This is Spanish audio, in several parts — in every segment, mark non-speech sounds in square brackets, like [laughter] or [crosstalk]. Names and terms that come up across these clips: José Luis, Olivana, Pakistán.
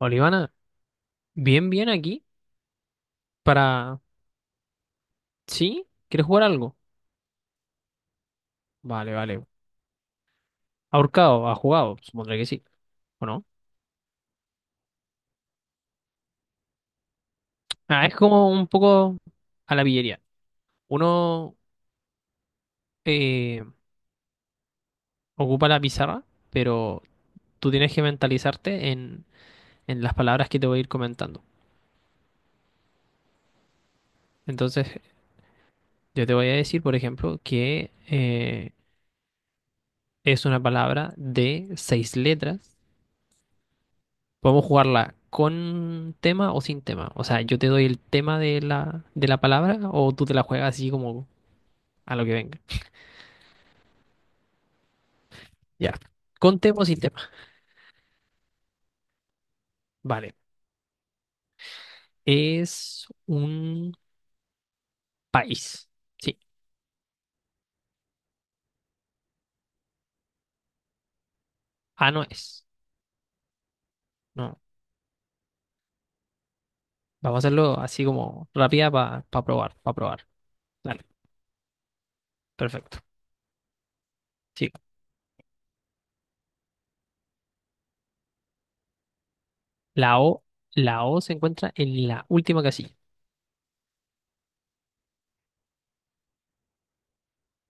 Olivana, bien, bien aquí para... ¿Sí? ¿Quieres jugar algo? Vale, vale. Ahorcado, ha jugado, supondré que sí, ¿o no? Ah, es como un poco a la pillería. Uno eh, ocupa la pizarra, pero tú tienes que mentalizarte en las palabras que te voy a ir comentando. Entonces, yo te voy a decir, por ejemplo, que es una palabra de seis letras. Podemos jugarla con tema o sin tema. O sea, yo te doy el tema de de la palabra, o tú te la juegas así como a lo que venga. Ya. Con tema o sin tema. Vale. Es un país. Sí. Ah, no es. No. Vamos a hacerlo así como rápida para probar, para probar. Dale. Perfecto. Sí. La O, la O se encuentra en la última casilla.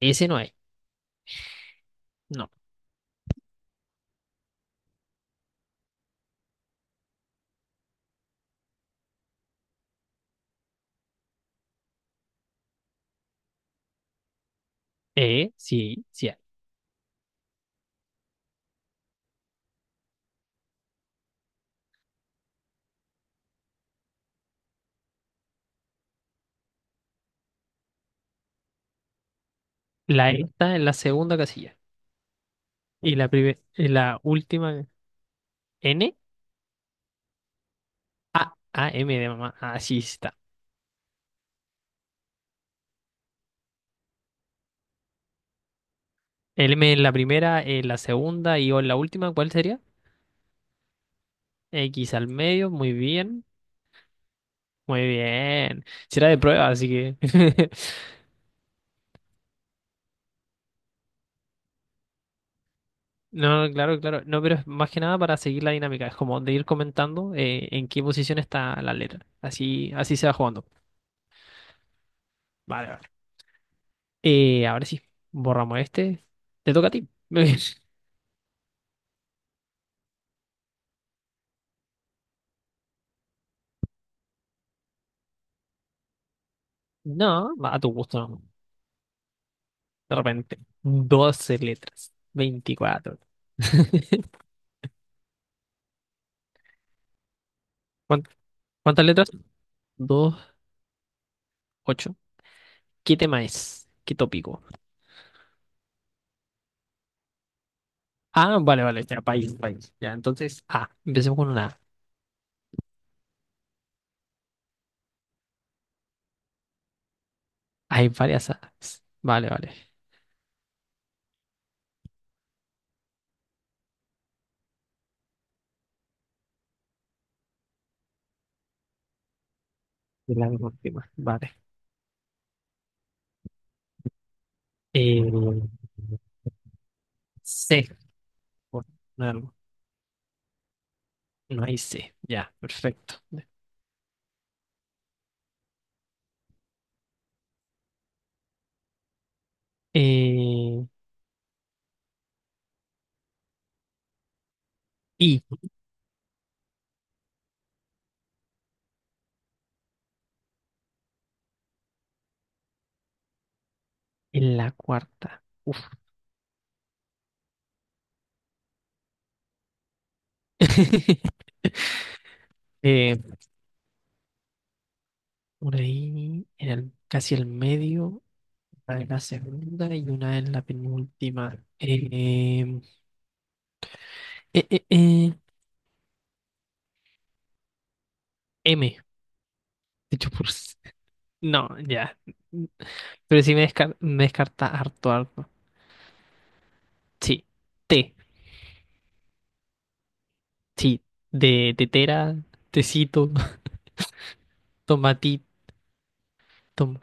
S no hay. No. E, sí, sí hay. La E está en la segunda casilla. Y la, prime- en la última N. A, M de mamá. Así está. El M en la primera, en la segunda y O en la última, ¿cuál sería? X al medio, muy bien. Muy bien. Será de prueba, así que. [laughs] No, no, claro, claro. No, pero es más que nada para seguir la dinámica. Es como de ir comentando en qué posición está la letra. Así, así se va jugando. Vale, vale. Ahora sí, borramos este. Te toca a ti. [laughs] No, va a tu gusto, no. De repente. 12 letras. 24. [laughs] ¿Cuán- ¿Cuántas letras? Ocho. ¿Qué tema es? ¿Qué tópico? Ah, vale, vale, ya, país, país. Ya, entonces, A. Empecemos con una A. Hay varias A's. Vale, vale. Es la última. Vale. Eh, C. Por poner algo. No hay C. Ya, perfecto. Eh, I. En la cuarta. Uf. [laughs] Eh, una I en el, casi el medio. Una en la segunda y una en la penúltima. Eh, eh, eh, M. De hecho, por no, ya. Pero sí me, descar- me descarta harto, harto. Sí. Té. Sí. De tetera, tecito, [laughs] tomatito. tom-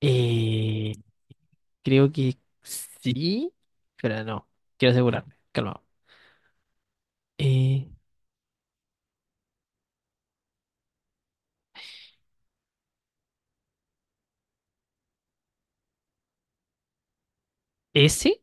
Eh, creo que sí. Pero no. Quiero asegurarme. Calmado. Eh, ¿Ese?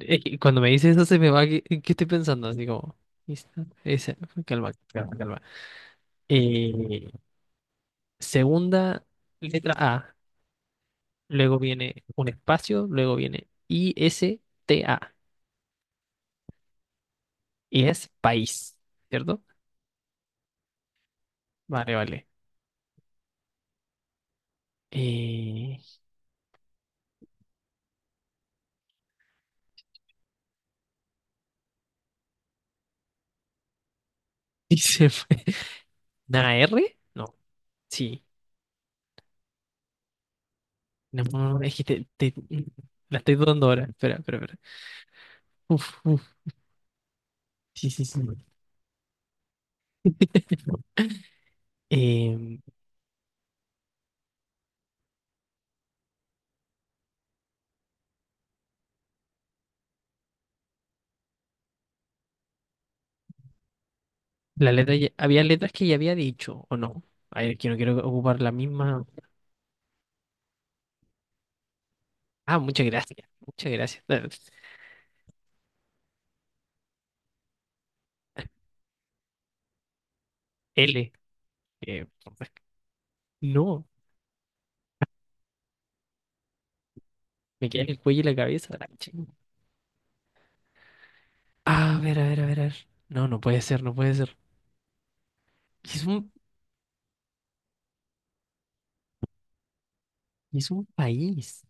Que cuando me dices eso se me va. ¿Qué, qué estoy pensando? Así como. ¿Lista? Ese. Calma, calma, calma. Eh, segunda letra A. Luego viene un espacio. Luego viene I, S, T, A. Y es país, ¿cierto? Vale, vale. Eh, [laughs] y se fue. ¿Una R? No, sí. No, no, es que la estoy dudando ahora. Espera, espera, espera. Uf, uf. Sí, sí, sí. [laughs] Em, la letra ya- había letras que ya había dicho, ¿o no? A ver, que no quiero ocupar la misma. Ah, muchas gracias. Muchas gracias. [laughs] L. eh, no, me queda en el cuello y la cabeza. La ching. A ver, a ver, a ver, a ver. No, no puede ser, no puede ser. Es un, es un país.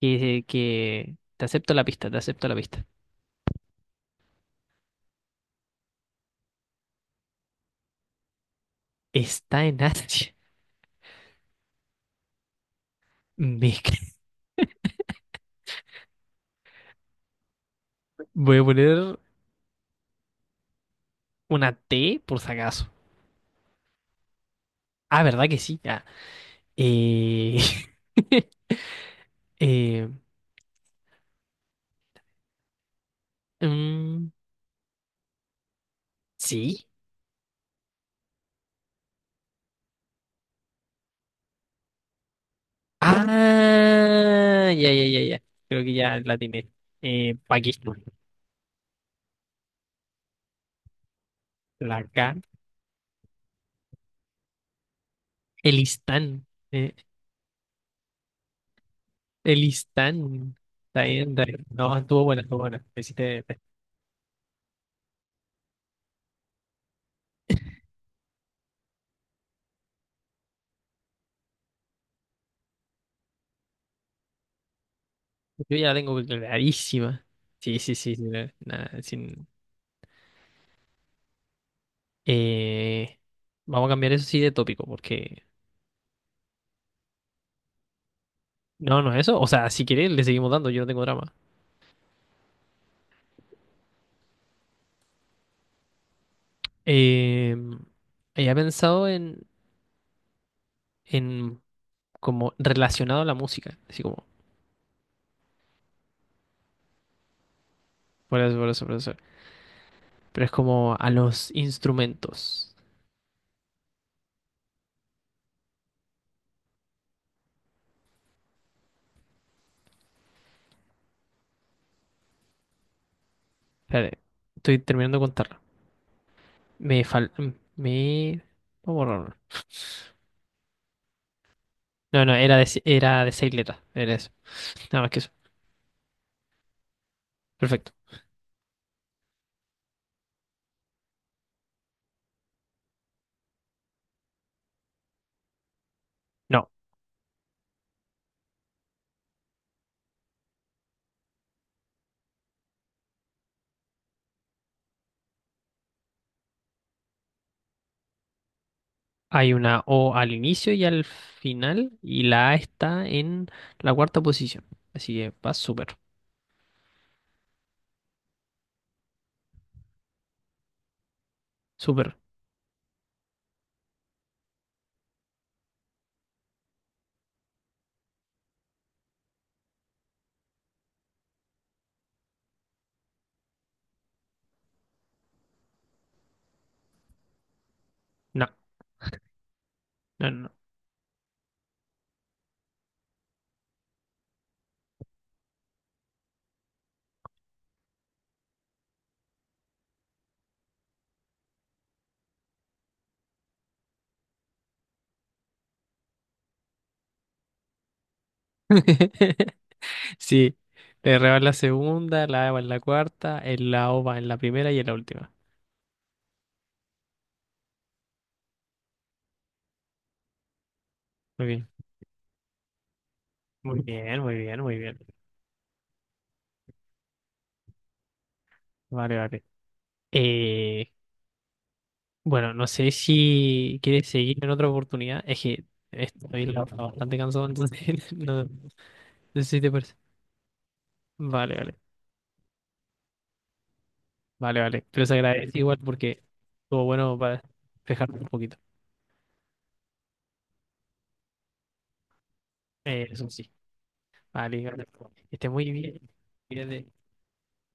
Que te acepto la pista, te acepto la pista. Está en Asia. Me ca- [laughs] Voy a poner una T por si acaso. Ah, ¿verdad que sí? Ah, eh, [laughs] eh, mm, sí. Ah, ya, ya, ya, ya. Creo que ya la tiene. Pakistán. La K. Elistán. Eh, Elistán. Está bien, está bien. No, estuvo buena, estuvo buena. Me hiciste- Yo ya la tengo clarísima. Sí, sí, sí, sí, la- la- sin- Eh, vamos a cambiar eso sí de tópico, porque... No, no es eso. O sea, si quieres, le seguimos dando, yo no tengo drama. Eh, había pensado en como relacionado a la música, así como... Por eso, por eso, por eso. Pero es como a los instrumentos. Espérate, estoy terminando de contarlo. Me fal... Me... Vamos a borrarlo. No, no, era de seis letras. Era eso. Nada más que eso. Perfecto. No. Hay una O al inicio y al final, y la A está en la cuarta posición. Así que va súper, súper. No, no, no. No. [laughs] Sí, la R va en la segunda, la A va en la cuarta, el la O va en la primera y en la última. Muy bien, muy bien, muy bien, muy bien. Vale, vale. Eh, bueno, no sé si quieres seguir en otra oportunidad. Es que estoy la bastante cansado, entonces [laughs] no, no sé si te parece. Vale, vale. Vale, vale. Pero se agradece igual porque estuvo bueno para despejarme un poquito. Eso sí. Vale, vale. Que esté muy bien. Cuídate.